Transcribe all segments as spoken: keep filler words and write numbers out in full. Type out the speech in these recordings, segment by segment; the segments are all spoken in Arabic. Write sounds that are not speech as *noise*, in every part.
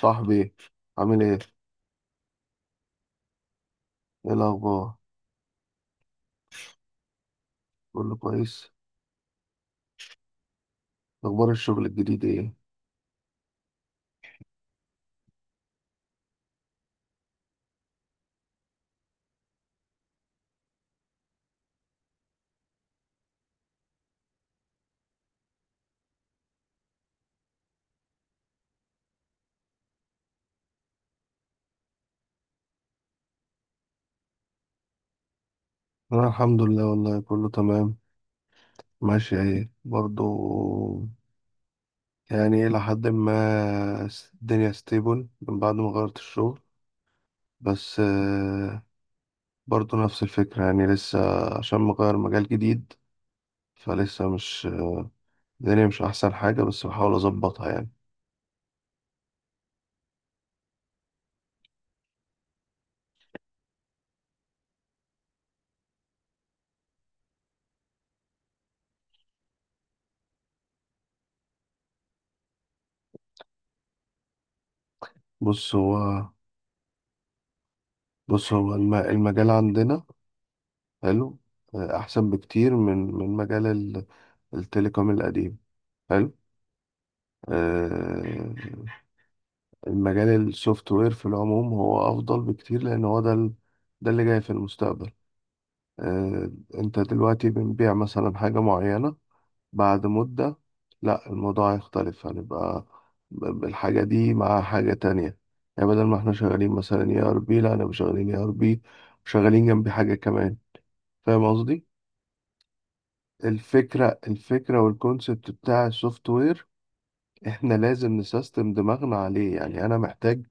صاحبي عامل ايه؟ ايه الأخبار؟ كله كويس؟ أخبار الشغل الجديد ايه؟ أنا الحمد لله والله كله تمام. ماشي ايه برضو. يعني إلى حد ما س- الدنيا ستيبل من بعد ما غيرت الشغل. بس آه، برضو نفس الفكرة، يعني لسه عشان مغير مجال جديد، فلسه مش الدنيا مش أحسن حاجة، بس بحاول أظبطها يعني. بص هو بص هو الم- المجال عندنا حلو. آه، أحسن بكتير من من مجال التليكوم القديم. حلو. آه، المجال السوفت وير في العموم هو أفضل بكتير، لأن هو ده ال- ده اللي جاي في المستقبل. آه، أنت دلوقتي بنبيع مثلا حاجة معينة، بعد مدة لا الموضوع هيختلف، هنبقى ب- الحاجة دي مع حاجة تانية. يعني بدل ما احنا شغالين مثلا اي ار بي، لا انا مش شغالين اي ار بي وشغالين جنبي حاجة كمان. فاهم قصدي؟ الفكرة الفكرة والكونسبت بتاع السوفت وير احنا لازم نسيستم دماغنا عليه. يعني انا محتاج،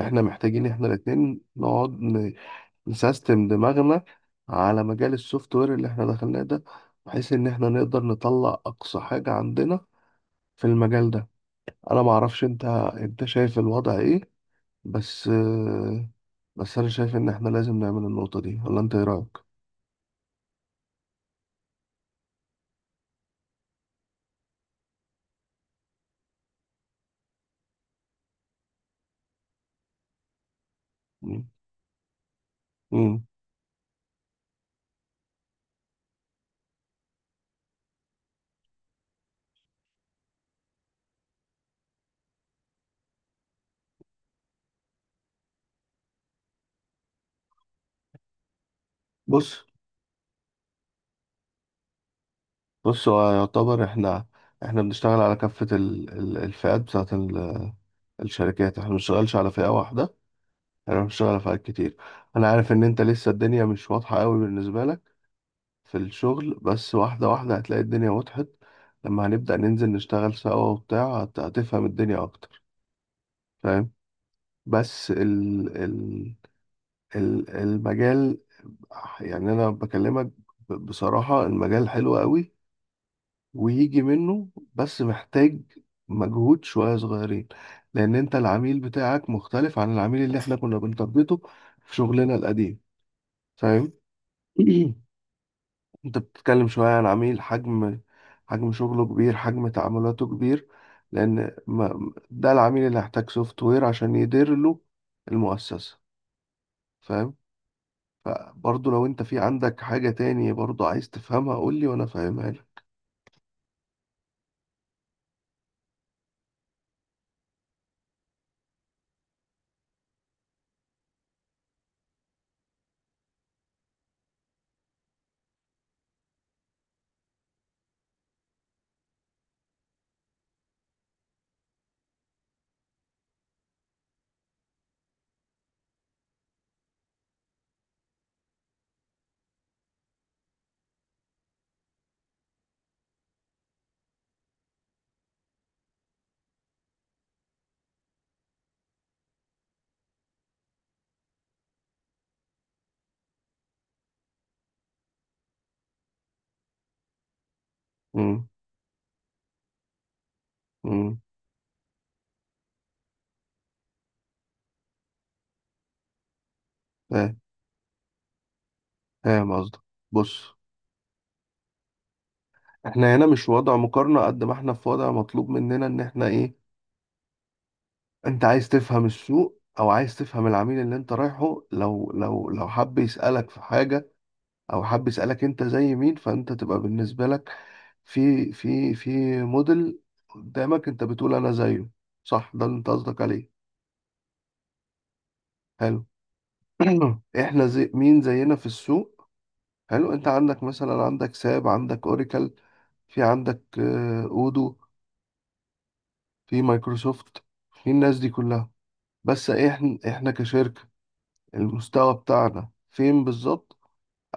احنا محتاجين احنا الاتنين نقعد ن- نسيستم دماغنا على مجال السوفت وير اللي احنا دخلناه ده، بحيث ان احنا نقدر نطلع اقصى حاجة عندنا في المجال ده. انا معرفش انت، انت شايف الوضع ايه؟ بس آه، بس انا شايف ان احنا لازم نعمل النقطة دي، ولا انت ايه رأيك؟ مم. مم. بص بص هو يعتبر احنا، احنا بنشتغل على كافة ال- ال- الفئات بتاعة الشركات، احنا بنشتغلش على فئة واحدة، احنا بنشتغل على فئات كتير. انا عارف ان انت لسه الدنيا مش واضحة قوي بالنسبة لك في الشغل، بس واحدة واحدة هتلاقي الدنيا وضحت. لما هنبدأ ننزل نشتغل سوا وبتاع هت- هتفهم الدنيا اكتر. فاهم. بس ال ال ال المجال، يعني انا بكلمك ب- بصراحة المجال حلو قوي ويجي منه، بس محتاج مجهود شوية صغيرين، لأن أنت العميل بتاعك مختلف عن العميل اللي إحنا كنا بنتربطه في شغلنا القديم. فاهم؟ *clears throat* أنت بتتكلم شوية عن عميل حجم، حجم شغله كبير، حجم تعاملاته كبير، لأن ما ده العميل اللي هيحتاج سوفت وير عشان يدير له المؤسسة. فاهم؟ فبرضه لو أنت في عندك حاجة تانية برضه عايز تفهمها قول لي وأنا فاهمها لك. أمم، أمم، فاهم. فاهم قصدك. بص، احنا هنا مش وضع مقارنة قد ما احنا في وضع مطلوب مننا ان احنا ايه. انت عايز تفهم السوق او عايز تفهم العميل اللي انت رايحه، لو لو لو حب يسألك في حاجة او حب يسألك انت زي مين، فانت تبقى بالنسبة لك في في في موديل قدامك انت بتقول انا زيه. صح ده اللي انت قصدك عليه؟ حلو. *clears throat* احنا زي مين زينا في السوق؟ حلو، انت عندك مثلا، عندك ساب، عندك اوريكل، في عندك آه، اودو، في مايكروسوفت، في الناس دي كلها. بس احنا، احنا كشركة المستوى بتاعنا فين بالظبط؟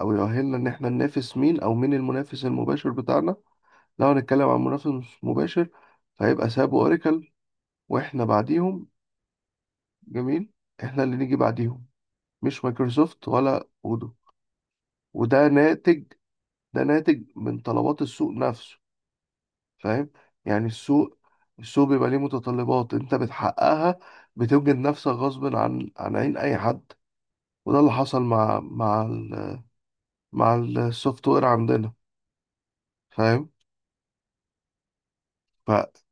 او يؤهلنا ان احنا ننافس مين، او مين المنافس المباشر بتاعنا؟ لو هنتكلم عن منافس مباشر فهيبقى ساب واوراكل، واحنا بعديهم. جميل. احنا اللي نيجي بعديهم، مش مايكروسوفت ولا اودو. وده ناتج، ده ناتج من طلبات السوق نفسه. فاهم؟ يعني السوق، السوق بيبقى ليه متطلبات انت بتحققها، بتوجد نفسك غصب عن عن عين اي حد. وده اللي حصل مع مع ال مع السوفت وير عندنا. فاهم. فبص،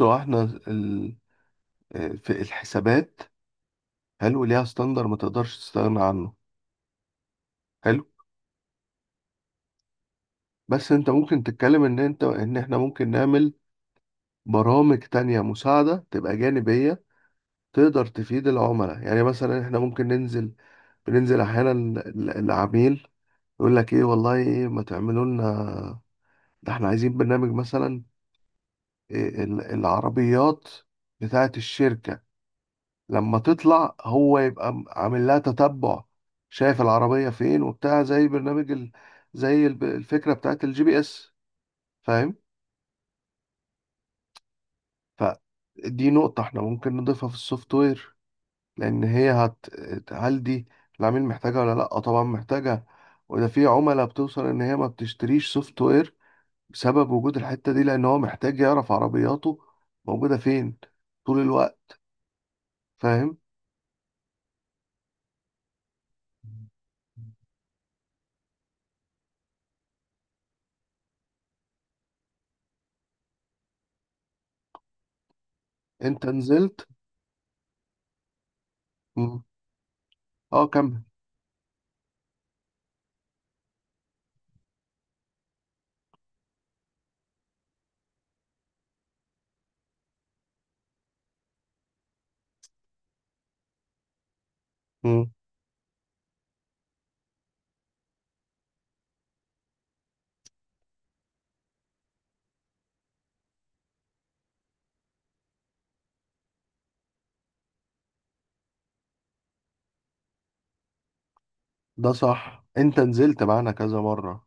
هو احنا ال... في الحسابات حلو، ليها ستاندر ما تقدرش تستغنى عنه. حلو. بس انت ممكن تتكلم ان انت ان احنا ممكن نعمل برامج تانية مساعدة تبقى جانبية تقدر تفيد العملاء. يعني مثلا احنا ممكن ننزل، بننزل احيانا ال- العميل يقول لك ايه والله ايه ما تعملوا لنا، ده احنا عايزين برنامج مثلا إيه، ال- العربيات بتاعة الشركة لما تطلع هو يبقى م- عامل لها تتبع، شايف العربية فين وبتاع، زي برنامج ال... زي الب- الفكرة بتاعت الجي بي اس. فاهم؟ فدي نقطة احنا ممكن نضيفها في السوفت وير، لأن هي هت... هل دي العميل محتاجها ولا لأ؟ آه طبعا محتاجها. وده في عملاء بتوصل إن هي ما بتشتريش سوفت وير بسبب وجود الحتة دي، لأن هو محتاج يعرف عربياته موجودة فين طول الوقت. فاهم؟ انت نزلت. مم. اه كمل. ده صح، انت نزلت معانا كذا مرة.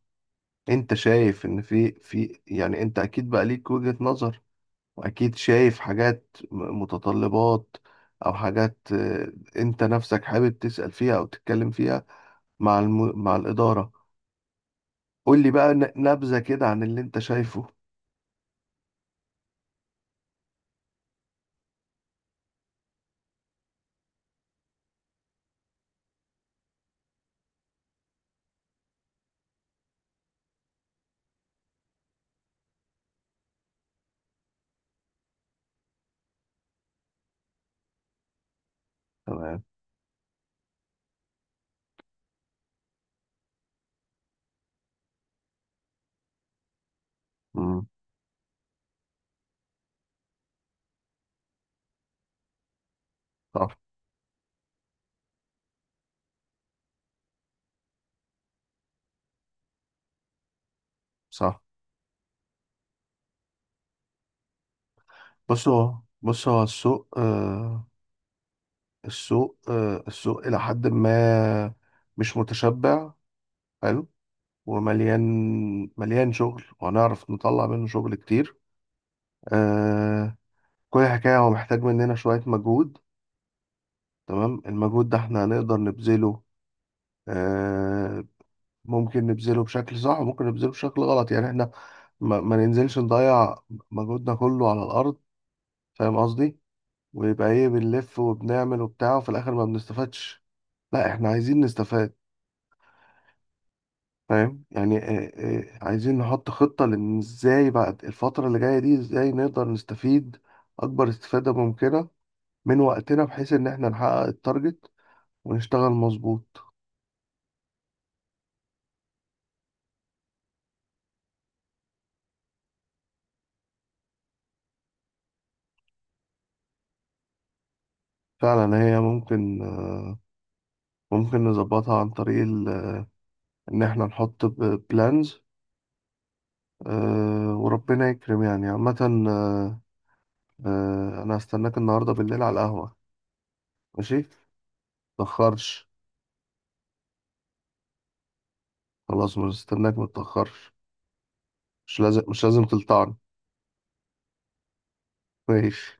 انت شايف ان في في، يعني انت اكيد بقى ليك وجهة نظر، واكيد شايف حاجات م- متطلبات، او حاجات آه، انت نفسك حابب تسأل فيها او تتكلم فيها مع الم... مع الإدارة. قول لي بقى ن- نبذة كده عن اللي انت شايفه. تمام. امم. صح. صح. بص هو بص هو السوق آه، السوق آه، السوق إلى حد ما مش متشبع. حلو. ومليان، مليان شغل وهنعرف نطلع منه شغل كتير. آه. كل حكاية هو محتاج مننا شوية مجهود. تمام، المجهود ده احنا هنقدر نبذله. آه. ممكن نبذله بشكل صح وممكن نبذله بشكل غلط. يعني احنا ما, ما ننزلش نضيع مجهودنا كله على الأرض، فاهم قصدي؟ ويبقى ايه، بنلف وبنعمل وبتاع وفي الآخر ما بنستفادش. لا احنا عايزين نستفاد. فاهم يعني. آه، آه، عايزين نحط خطة، لان ازاي بعد الفترة اللي جاية دي ازاي نقدر نستفيد اكبر استفادة ممكنة من وقتنا، بحيث ان احنا نحقق التارجت ونشتغل مظبوط. فعلا هي ممكن آه، ممكن نظبطها عن طريق ال- ان احنا نحط بلانز، وربنا يكرم يعني عامة. آه، آه، انا هستناك النهاردة بالليل على القهوة، ماشي؟ متأخرش. خلاص مستناك، متأخرش. مش لازم مش لازم تلطعني. ماشي.